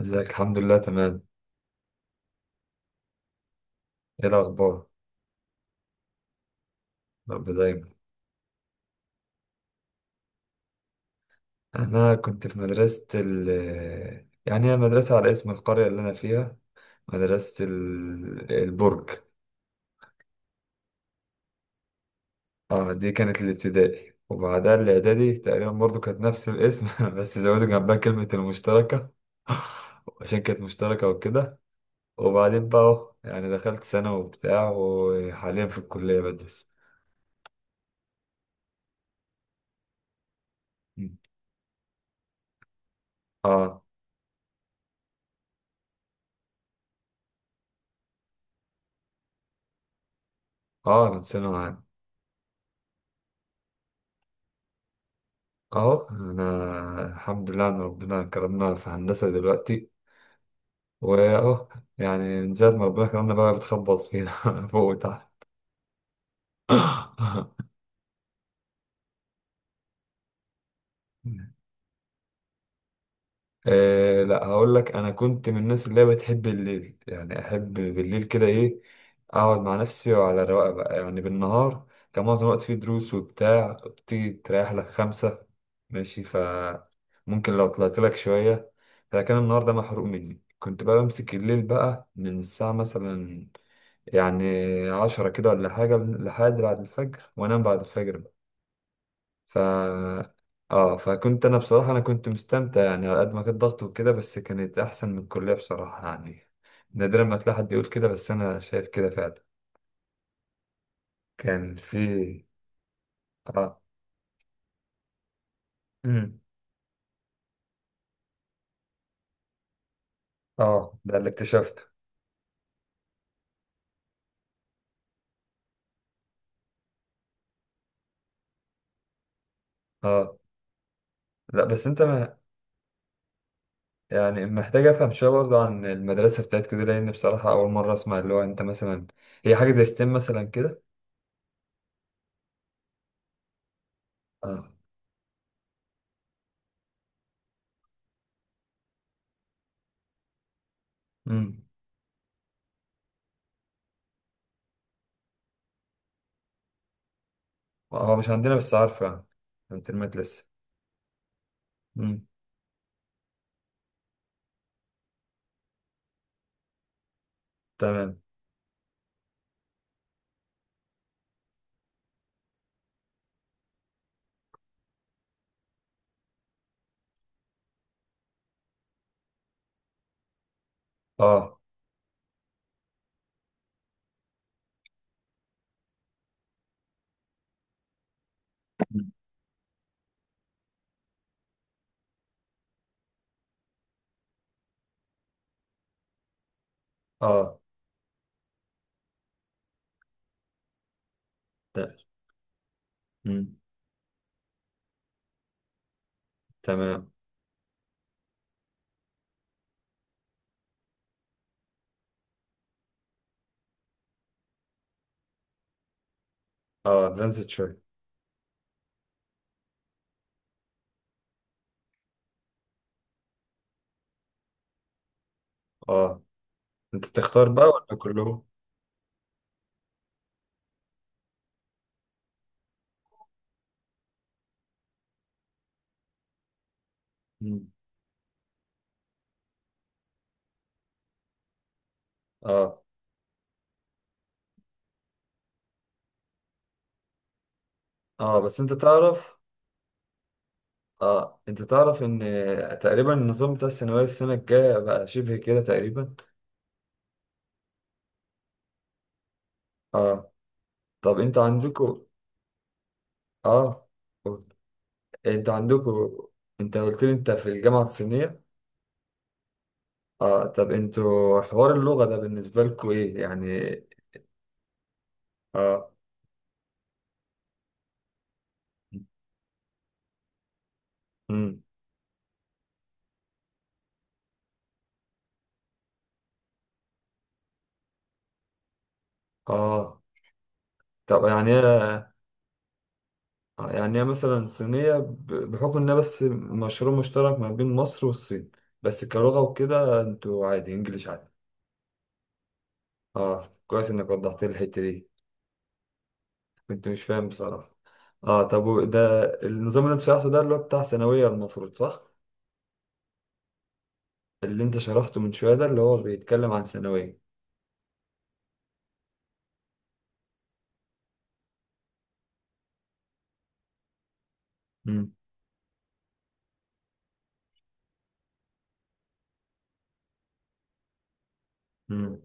ازيك؟ الحمد لله تمام. ايه الاخبار؟ رب دايما. انا كنت في مدرسة يعني هي مدرسة على اسم القرية اللي انا فيها، مدرسة البرج. اه، دي كانت الابتدائي وبعدها الاعدادي، تقريبا برضو كانت نفس الاسم بس زودوا جنبها كلمة المشتركة. عشان كانت مشتركة وكده. وبعدين بقى اهو يعني دخلت ثانوي وبتاع، وحاليا في الكلية بدرس. اه. اه كنت ثانوي عام. اهو انا الحمد لله ان ربنا كرمنا في هندسه دلوقتي واهو، يعني من ساعه ما ربنا كرمنا بقى بتخبط فينا فوق وتحت. أه لا، هقول لك. انا كنت من الناس اللي هي بتحب الليل، يعني احب بالليل كده ايه، اقعد مع نفسي وعلى رواقه بقى. يعني بالنهار كان معظم الوقت فيه دروس وبتاع، بتيجي تريح لك خمسة ماشي، ممكن لو طلعت لك شوية. فكان النهار ده محروق مني، كنت بقى بمسك الليل بقى من الساعة مثلا، يعني، عشرة كده ولا حاجة لحد بعد الفجر، وانام بعد الفجر. ف اه، فكنت انا بصراحة، انا كنت مستمتع، يعني على قد ما كان ضغط وكده بس كانت احسن من الكلية بصراحة. يعني نادرا ما تلاقي حد يقول كده بس انا شايف كده فعلا. كان في. اه. امم. اه، ده اللي اكتشفته. اه لا، بس انت ما، يعني محتاج افهم شويه برضه عن المدرسه بتاعتك دي، لان بصراحه اول مره اسمع اللي هو انت مثلا هي حاجه زي ستيم مثلا كده. اه. امم. هو مش عندنا بس عارفه، يعني الترمات لسه. امم. تمام. اه. اه. مم. تمام. اه ادفانسد شوية. اه. انت بتختار بقى ولا كلهم؟ مم. اه. اه بس انت تعرف. اه انت تعرف ان تقريبا النظام بتاع الثانوية السنة الجاية بقى شبه كده تقريبا. اه، طب انتوا عندكوا. اه. قول. انتوا عندكوا. انت قلت لي انت في الجامعة الصينية؟ اه، طب انتوا حوار اللغة ده بالنسبة لكوا ايه يعني؟ اه. مم. اه، طب يعني، آه، يعني هي مثلا صينية بحكم إنها بس مشروع مشترك ما بين مصر والصين، بس كلغة وكده انتوا عادي انجليش عادي. اه، كويس انك وضحت لي الحتة دي. كنت مش فاهم بصراحة. اه، طب ده النظام اللي انت شرحته ده اللي هو بتاع ثانوية المفروض صح؟ اللي انت شرحته من شوية ده اللي هو بيتكلم عن ثانوية. امم. امم.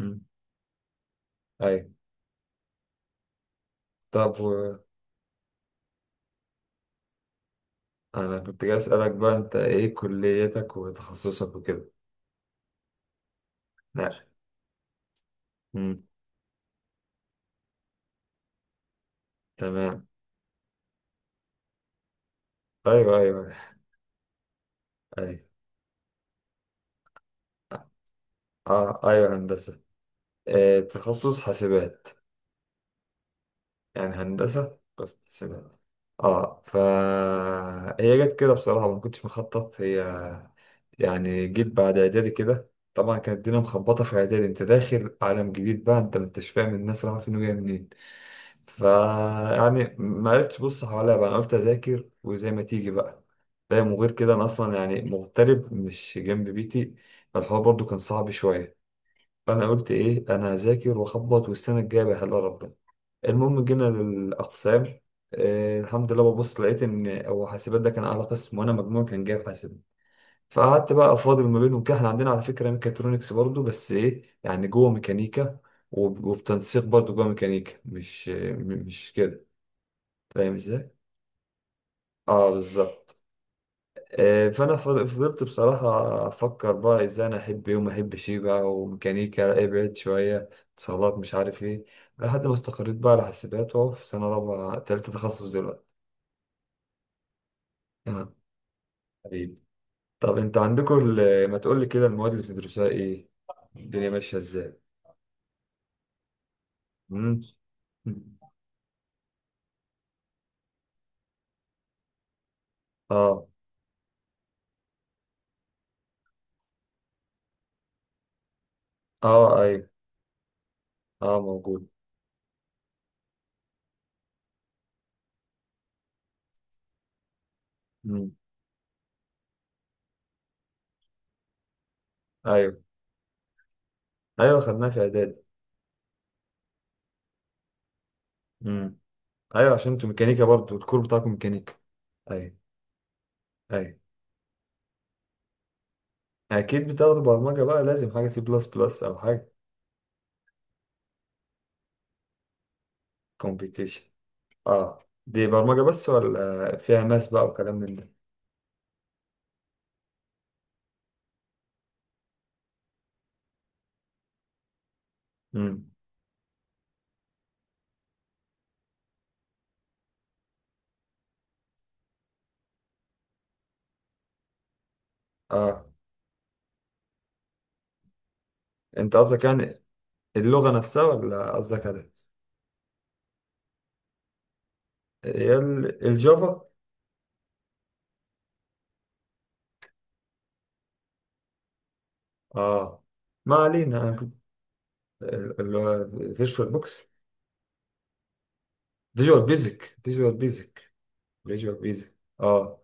امم. ايوه. طب و... انا كنت جاي اسألك بقى، انت ايه كليتك وتخصصك وكده؟ لا. امم. تمام. ايوه ايوه. ايوه. اه ايوه هندسة. آه تخصص حاسبات. يعني هندسة قسم حاسبات. اه. ف هي جت كده بصراحة، ما كنتش مخطط. هي يعني جيت بعد اعدادي كده، طبعا كانت الدنيا مخبطة في اعدادي، انت داخل عالم جديد بقى، انت ما انتش فاهم الناس رايحة فين وجاية منين. ف يعني ما عرفتش ابص حواليا بقى، انا قلت اذاكر وزي ما تيجي بقى، فاهم. وغير كده انا اصلا يعني مغترب مش جنب بيتي، فالحوار برضو كان صعب شوية. فانا قلت ايه، انا هذاكر واخبط والسنه الجايه بحلها ربنا. المهم جينا للاقسام. آه، الحمد لله ببص لقيت ان هو حاسبات ده كان اعلى قسم وانا مجموعي كان جايب حاسبات. فقعدت بقى فاضل ما بينهم كده. احنا عندنا على فكره ميكاترونكس برضو بس ايه يعني جوه ميكانيكا، وبتنسيق برضو جوه ميكانيكا مش آه، مش كده. فاهم ازاي؟ اه بالظبط. آه، فانا فضلت بصراحه افكر بقى ازاي انا احب ايه وما احبش ايه بقى، وميكانيكا ابعد شويه، اتصالات مش عارف ايه، لحد ما استقريت بقى على حاسبات واهو في سنه رابعه تالتة تخصص دلوقتي. اه. حبيبي. طب انت عندكم ما تقول لي كده المواد اللي بتدرسوها ايه؟ الدنيا ماشيه ازاي؟ مم. اه. اه ايوه. اه موجود. مم. ايوه. ايوه خدناها في اعداد. مم. ايوه عشان انتوا ميكانيكا برضو الكور بتاعكم ميكانيكا. ايوه. ايوه. اكيد بتاخدوا برمجة بقى، لازم حاجة C++ او حاجة. كومبيتيشن. اه دي برمجة بس ولا فيها ماس بقى وكلام من ده؟ امم. اه انت قصدك، يعني اللغة نفسها ولا قصدك على. هي الجافا؟ اه ما علينا، انا كنت اللي هو فيجوال بوكس. فيجوال بيزك. فيجوال بيزك. فيجوال بيزك. اه.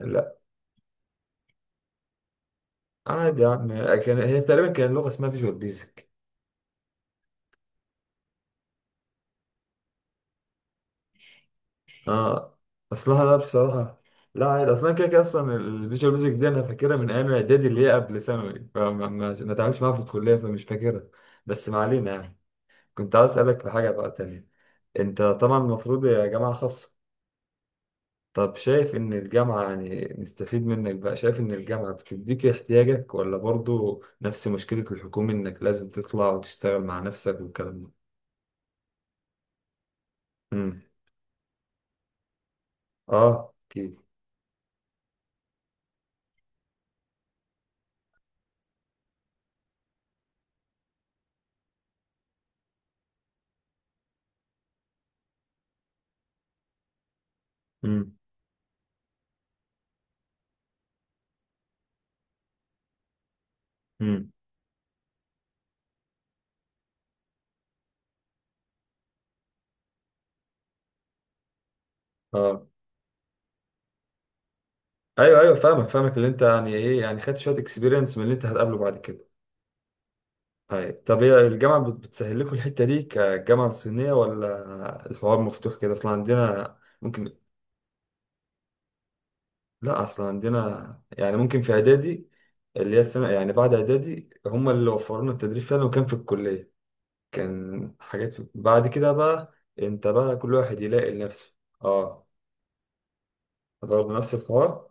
لا عادي يا عم، كان هي تقريبا كان لغة اسمها فيجوال بيزك. اه اصلها لا بصراحه. لا عادي، اصلا كده كده اصلا الفيجوال بيزك دي انا فاكرها من ايام اعدادي اللي هي قبل ثانوي، فما ما ما اتعاملتش معاها في الكليه فمش فاكرها. بس ما علينا يعني. كنت عايز اسالك في حاجه بقى تانية. انت طبعا المفروض يا جامعه خاصه. طب شايف ان الجامعه، يعني نستفيد منك بقى، شايف ان الجامعه بتديك احتياجك ولا برضو نفس مشكله الحكومه انك لازم تطلع وتشتغل مع نفسك والكلام ده؟ امم. اه اكيد. امم. امم. اه ايوه ايوه، فاهمك فاهمك، اللي انت يعني ايه، يعني خدت شويه اكسبيرينس من اللي انت هتقابله بعد كده. طيب طب هي الجامعه بتسهل لكم الحته دي كجامعه صينيه، ولا الحوار مفتوح كده اصلا عندنا ممكن؟ لا اصلا عندنا يعني ممكن في اعدادي اللي هي السنه يعني بعد اعدادي هم اللي وفروا لنا التدريب فعلا، وكان في الكليه كان حاجات بعد كده بقى. انت بقى كل واحد يلاقي لنفسه. اه برضه نفس الحوار.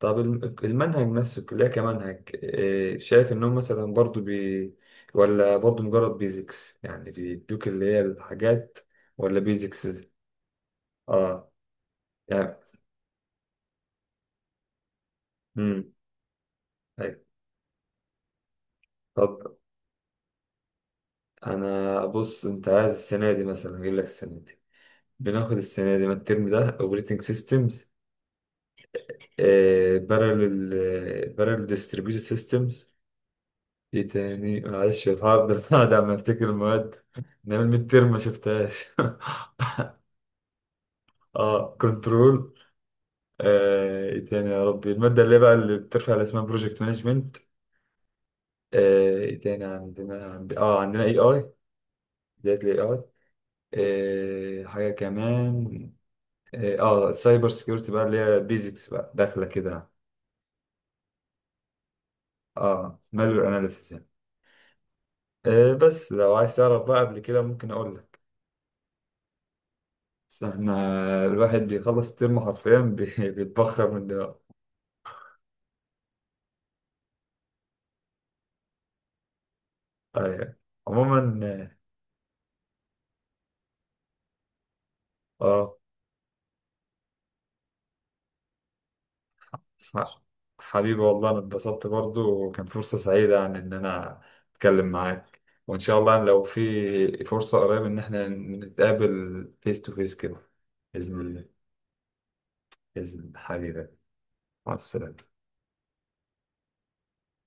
طب المنهج نفسه الكلية كمنهج إيه، شايف إنهم مثلا برضو بي، ولا برضو مجرد بيزكس يعني بيدوك اللي هي الحاجات، ولا بيزكس. اه، يعني. امم. أيوة. طب أنا بص، أنت عايز السنة دي مثلا أجيب لك السنة دي. بناخد السنة دي، ما الترم ده أوبريتنج سيستمز، بارل، بارل ديستريبيوتد سيستمز، إيه تاني معلش، هفضل قاعد عم أفتكر المواد. نعمل ميد ترم ما شفتهاش. اه كنترول. آه، ايه تاني يا ربي، المادة اللي بقى اللي بترفع اللي اسمها بروجكت مانجمنت. ايه تاني عندنا، اه عندنا AI، بداية الAI. آه، حاجة كمان. اه آه، السايبر سيكيورتي بقى اللي هي بيزكس بقى داخلة كده. اه مالور اناليسيس يعني. آه، بس لو عايز تعرف بقى قبل كده ممكن اقول لك. بس احنا الواحد بيخلص الترم حرفيا بيتبخر من ده. آه، يعني. عموما. اه آه. ح- حبيبي والله انا اتبسطت برضو، وكان فرصة سعيدة يعني ان انا اتكلم معاك، وان شاء الله لو في فرصة قريب ان احنا نتقابل فيس تو فيس كده. بإذن الله. بإذن الله حبيبي. مع السلامة.